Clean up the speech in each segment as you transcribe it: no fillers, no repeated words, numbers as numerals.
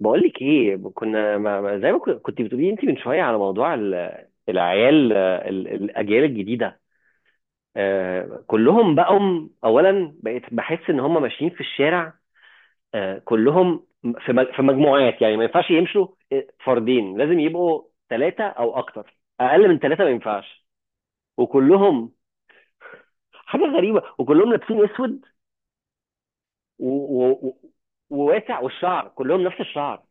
بقول لك ايه، كنا ما ما- زي ما كنت بتقولي انت من شويه على موضوع العيال، الاجيال الجديده. آه، كلهم بقوا. اولا بقيت بحس ان هم ماشيين في الشارع، آه، كلهم في مجموعات، يعني ما ينفعش يمشوا آه، فردين، لازم يبقوا ثلاثه او اكتر، اقل من ثلاثه ما ينفعش. وكلهم حاجه غريبه، وكلهم لابسين اسود و- و- و- وواسع، والشعر كلهم نفس الشعر.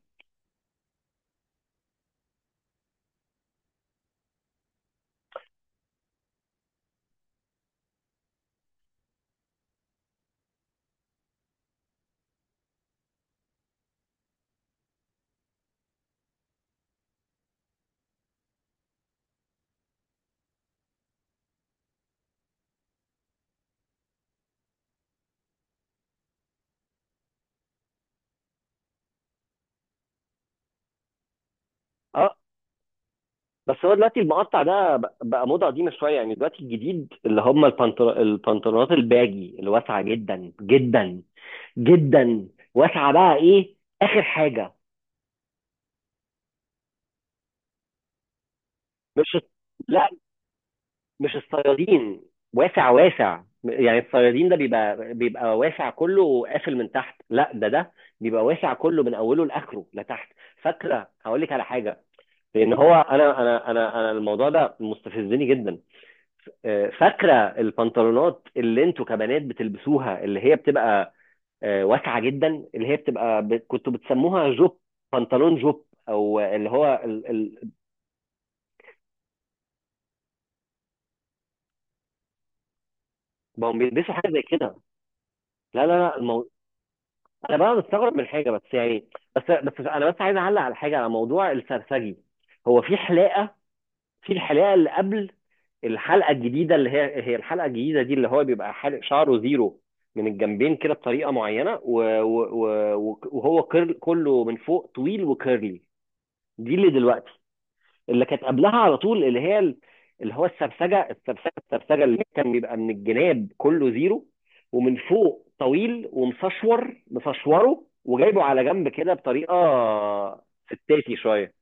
آه، بس هو دلوقتي المقطع ده بقى موضة قديمة شوية، يعني دلوقتي الجديد اللي هم البنطلونات الباجي اللي واسعة جدا جدا، واسعة بقى ايه، آخر حاجة. مش، لا مش الصيادين واسع واسع، يعني الصيادين ده بيبقى واسع كله وقافل من تحت، لا ده بيبقى واسع كله من اوله لاخره لتحت. فاكره هقول لك على حاجه، لان هو انا الموضوع ده مستفزني جدا. آه، فاكره البنطلونات اللي انتوا كبنات بتلبسوها، اللي هي بتبقى آه، واسعه جدا، اللي هي كنتوا بتسموها جوب، بنطلون جوب، او اللي هو بقوا بيلبسوا حاجه زي كده. لا، انا بقى مستغرب من حاجه، بس يعني بس انا عايز اعلق على حاجه، على موضوع السرسجي. هو في حلاقه، في الحلقه اللي قبل الحلقه الجديده، اللي هي الحلقه الجديده دي، اللي هو بيبقى حالق شعره زيرو من الجنبين كده بطريقه معينه وهو كيرل كله، من فوق طويل وكيرلي. دي اللي دلوقتي، اللي كانت قبلها على طول اللي اللي هو السرسجه اللي كان بيبقى من الجناب كله زيرو، ومن فوق طويل ومسشور، مسشوره وجايبه على جنب كده بطريقه ستاتي شويه.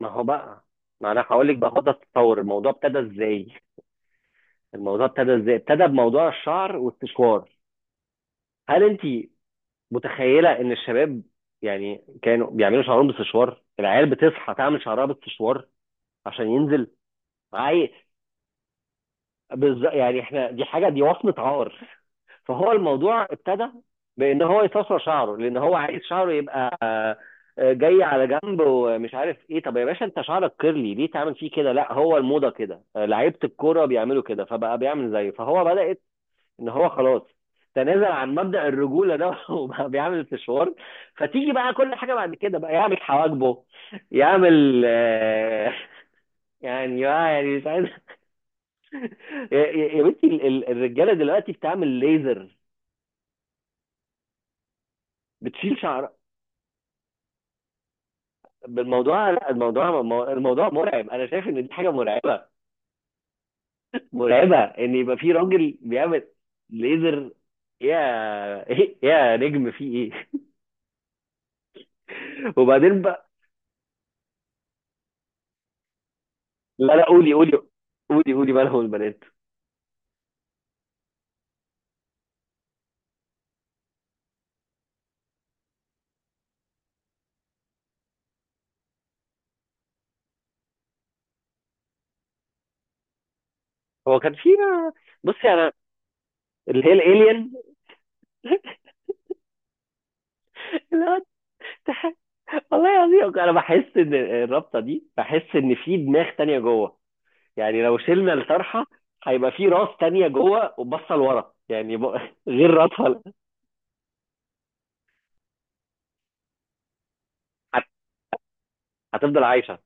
ما هو بقى، ما انا هقول لك بقى، خد تتصور الموضوع ابتدى ازاي. الموضوع ابتدى ازاي؟ ابتدى بموضوع الشعر والسشوار. هل انت متخيله ان الشباب يعني كانوا بيعملوا شعرهم بالسشوار؟ العيال بتصحى تعمل شعرها بالسشوار عشان ينزل. عاي يعني احنا دي حاجه، دي وصمه عار. فهو الموضوع ابتدى بان هو يستصغر شعره، لان هو عايز شعره يبقى جاي على جنب ومش عارف ايه. طب يا باشا، انت شعرك كيرلي، ليه تعمل فيه كده؟ لا هو الموضه كده، آه، لعيبه الكوره بيعملوا كده فبقى بيعمل زيه. فهو بدات ان هو خلاص تنازل عن مبدأ الرجولة ده وبقى بيعمل استشوار. فتيجي بقى كل حاجة بعد كده، بقى يعمل حواجبه، يعمل آه، يعني آه، يعني مش عايز. يا بنتي، الرجالة دلوقتي بتعمل ليزر، بتشيل شعر. بالموضوع، لا الموضوع، الموضوع مرعب. انا شايف ان دي حاجه مرعبه، مرعبه ان يبقى في راجل بيعمل ليزر. يا إيه يا نجم، في ايه؟ وبعدين بقى، لا، قولي، مالهم البنات. هو كان في، بصي انا اللي هي الالين. لا، تستحق. والله العظيم انا بحس ان الرابطه دي، بحس ان في دماغ تانية جوه. يعني لو شلنا الطرحه هيبقى في راس تانية جوه وبصه لورا، يعني غير راسها. هت- هتفضل عايشه،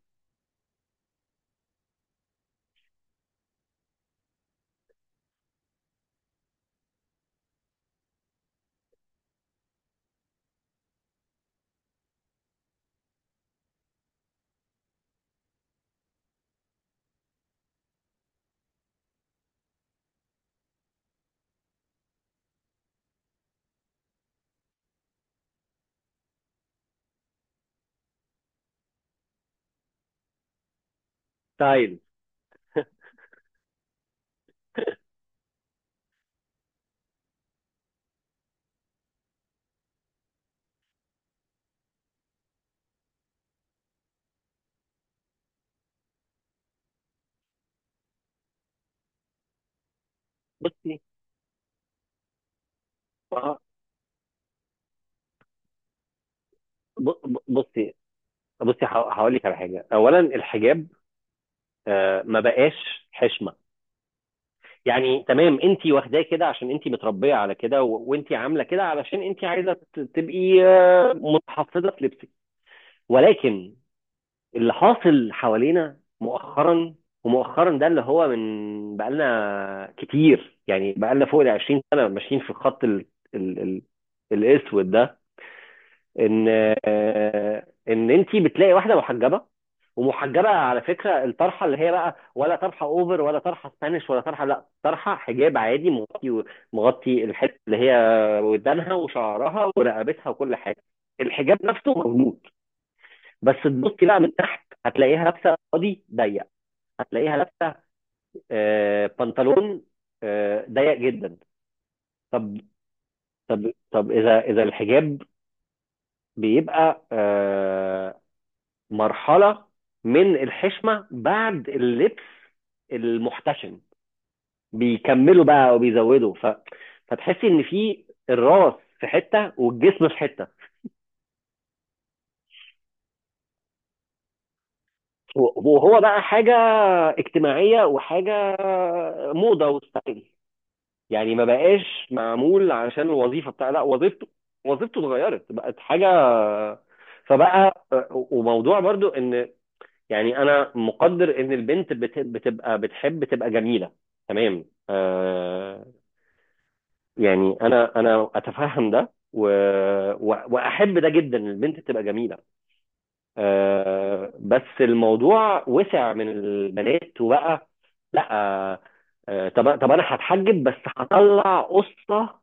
ستايل. بصي آه، بصي، هقول لك على حاجه. اولا الحجاب، آه، ما بقاش حشمه. يعني تمام انت واخداه كده عشان انت متربيه على كده، وانت عامله كده علشان انت عايزه تبقي آه، متحفظه في لبسك. ولكن اللي حاصل حوالينا مؤخرا، ومؤخرا ده اللي هو من بقالنا كتير، يعني بقالنا فوق ال 20 سنه ماشيين في الخط ال الاسود ده. ان آه، ان انت بتلاقي واحده محجبه، ومحجبه على فكره، الطرحه اللي هي بقى ولا طرحه اوفر، ولا طرحه سبانيش، ولا طرحه، لا طرحه حجاب عادي مغطي، مغطي الحته اللي هي ودانها وشعرها ورقبتها وكل حاجه. الحجاب نفسه موجود، بس تبصي بقى من تحت هتلاقيها لابسه قاضي ضيق، هتلاقيها لابسه آه، بنطلون آه، ضيق جدا. طب، طب اذا، اذا الحجاب بيبقى آه، مرحلة من الحشمة، بعد اللبس المحتشم بيكملوا بقى وبيزودوا فتحسي ان في الراس في حتة والجسم في حتة. وهو بقى حاجة اجتماعية وحاجة موضة وستايل، يعني ما بقاش معمول عشان الوظيفة بتاع، لا وظيفته، وظيفته اتغيرت بقت حاجة. فبقى وموضوع برضو، ان يعني انا مقدر ان البنت بتبقى بتحب تبقى جميله، تمام، آه، يعني انا اتفهم ده واحب ده جدا، إن البنت تبقى جميله. آه بس الموضوع وسع من البنات وبقى، لا آه، طب انا هتحجب بس هطلع قصه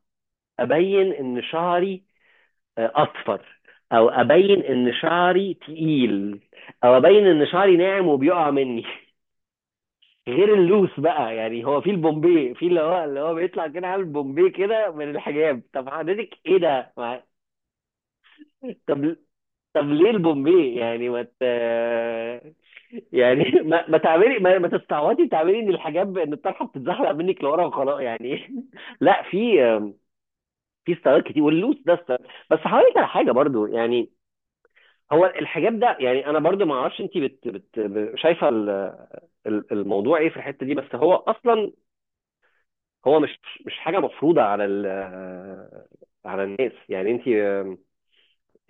ابين ان شعري آه، اصفر، او ابين ان شعري تقيل، او ابين ان شعري ناعم وبيقع مني غير اللوس بقى، يعني هو في البومبي، في اللي هو بيطلع كده عامل بومبي كده من الحجاب. طب حضرتك ايه ده؟ طب، ليه البومبي؟ يعني ما ت... يعني ما تعملي، ما تستعوضي تعملي ان الحجاب، ان الطرحه بتتزحلق منك لورا وخلاص يعني. لا في، في ستايلات كتير، واللوس ده ستايل. بس هقول على حاجه برضو يعني، هو الحجاب ده يعني انا برضو ما اعرفش انت بت شايفه الموضوع ايه في الحته دي. بس هو اصلا هو مش حاجه مفروضه على ال، على الناس. يعني انت آم،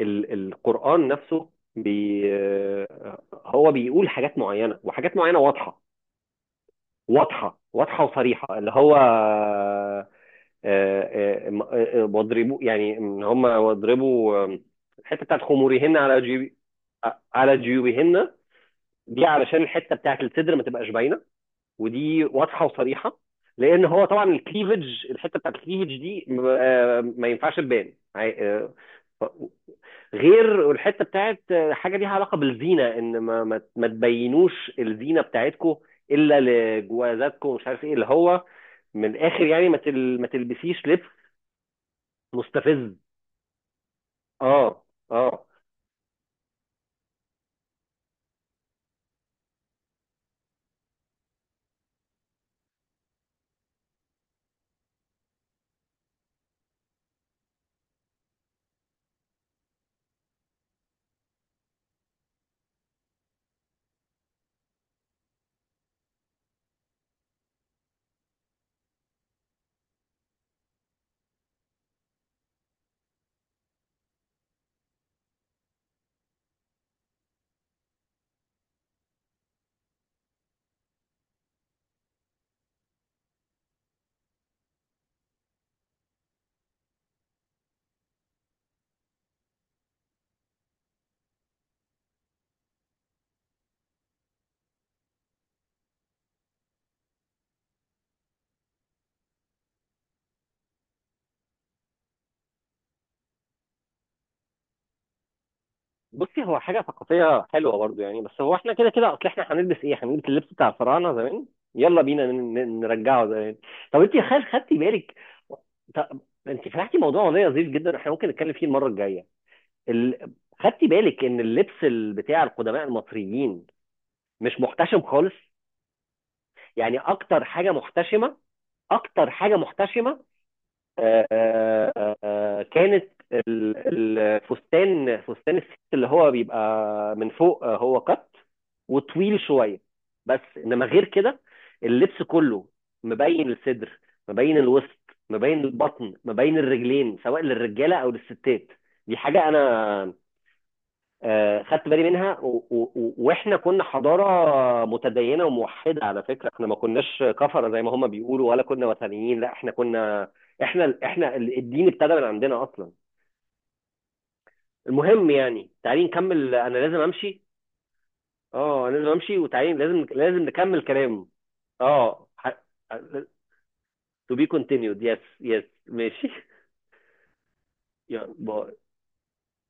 القران نفسه بي آه، هو بيقول حاجات معينه، وحاجات معينه واضحه، واضحه وصريحه، اللي هو آه، واضربوا، يعني ان هم واضربوا آم، الحته بتاعت خمورهن على جيوب آه، على جيوبهن. دي علشان الحته بتاعت الصدر ما تبقاش باينه، ودي واضحه وصريحه. لان هو طبعا الكليفج، الحته بتاعت الكليفج دي ما ينفعش تبان ف- غير الحته بتاعت آه، حاجه ليها علاقه بالزينه، ان ما تبينوش الزينه بتاعتكم الا لجوازاتكم ومش عارف ايه، اللي هو من الاخر يعني ما تلبسيش لبس مستفز. اه، اه، بصي هو حاجة ثقافية حلوة برضو يعني. بس هو احنا كده كده، اصل احنا هنلبس ايه؟ هنلبس اللبس بتاع الفراعنة زمان؟ يلا بينا نرجعه زمان. طب انت خدتي بالك، طب انت فتحتي موضوع والله لذيذ جدا، احنا ممكن نتكلم فيه المرة الجاية. ال... خدتي بالك ان اللبس بتاع القدماء المصريين مش محتشم خالص؟ يعني اكتر حاجة محتشمة، اكتر حاجة محتشمة كانت الفستان، فستان الست اللي هو بيبقى من فوق آه، هو قط وطويل شويه، بس انما غير كده اللبس كله مبين الصدر، مبين الوسط، مبين البطن، مبين الرجلين، سواء للرجاله او للستات. دي حاجه انا آه، خدت بالي منها، واحنا كنا حضاره متدينه وموحده، على فكره احنا ما كناش كفره زي ما هم بيقولوا، ولا كنا وثنيين، لا احنا كنا، احنا الدين ابتدى من عندنا اصلا. المهم يعني تعالي نكمل، انا لازم امشي. اه انا لازم امشي، وتعالي لازم، نكمل كلام. اه to be continued, yes yes، ماشي. يلا باي.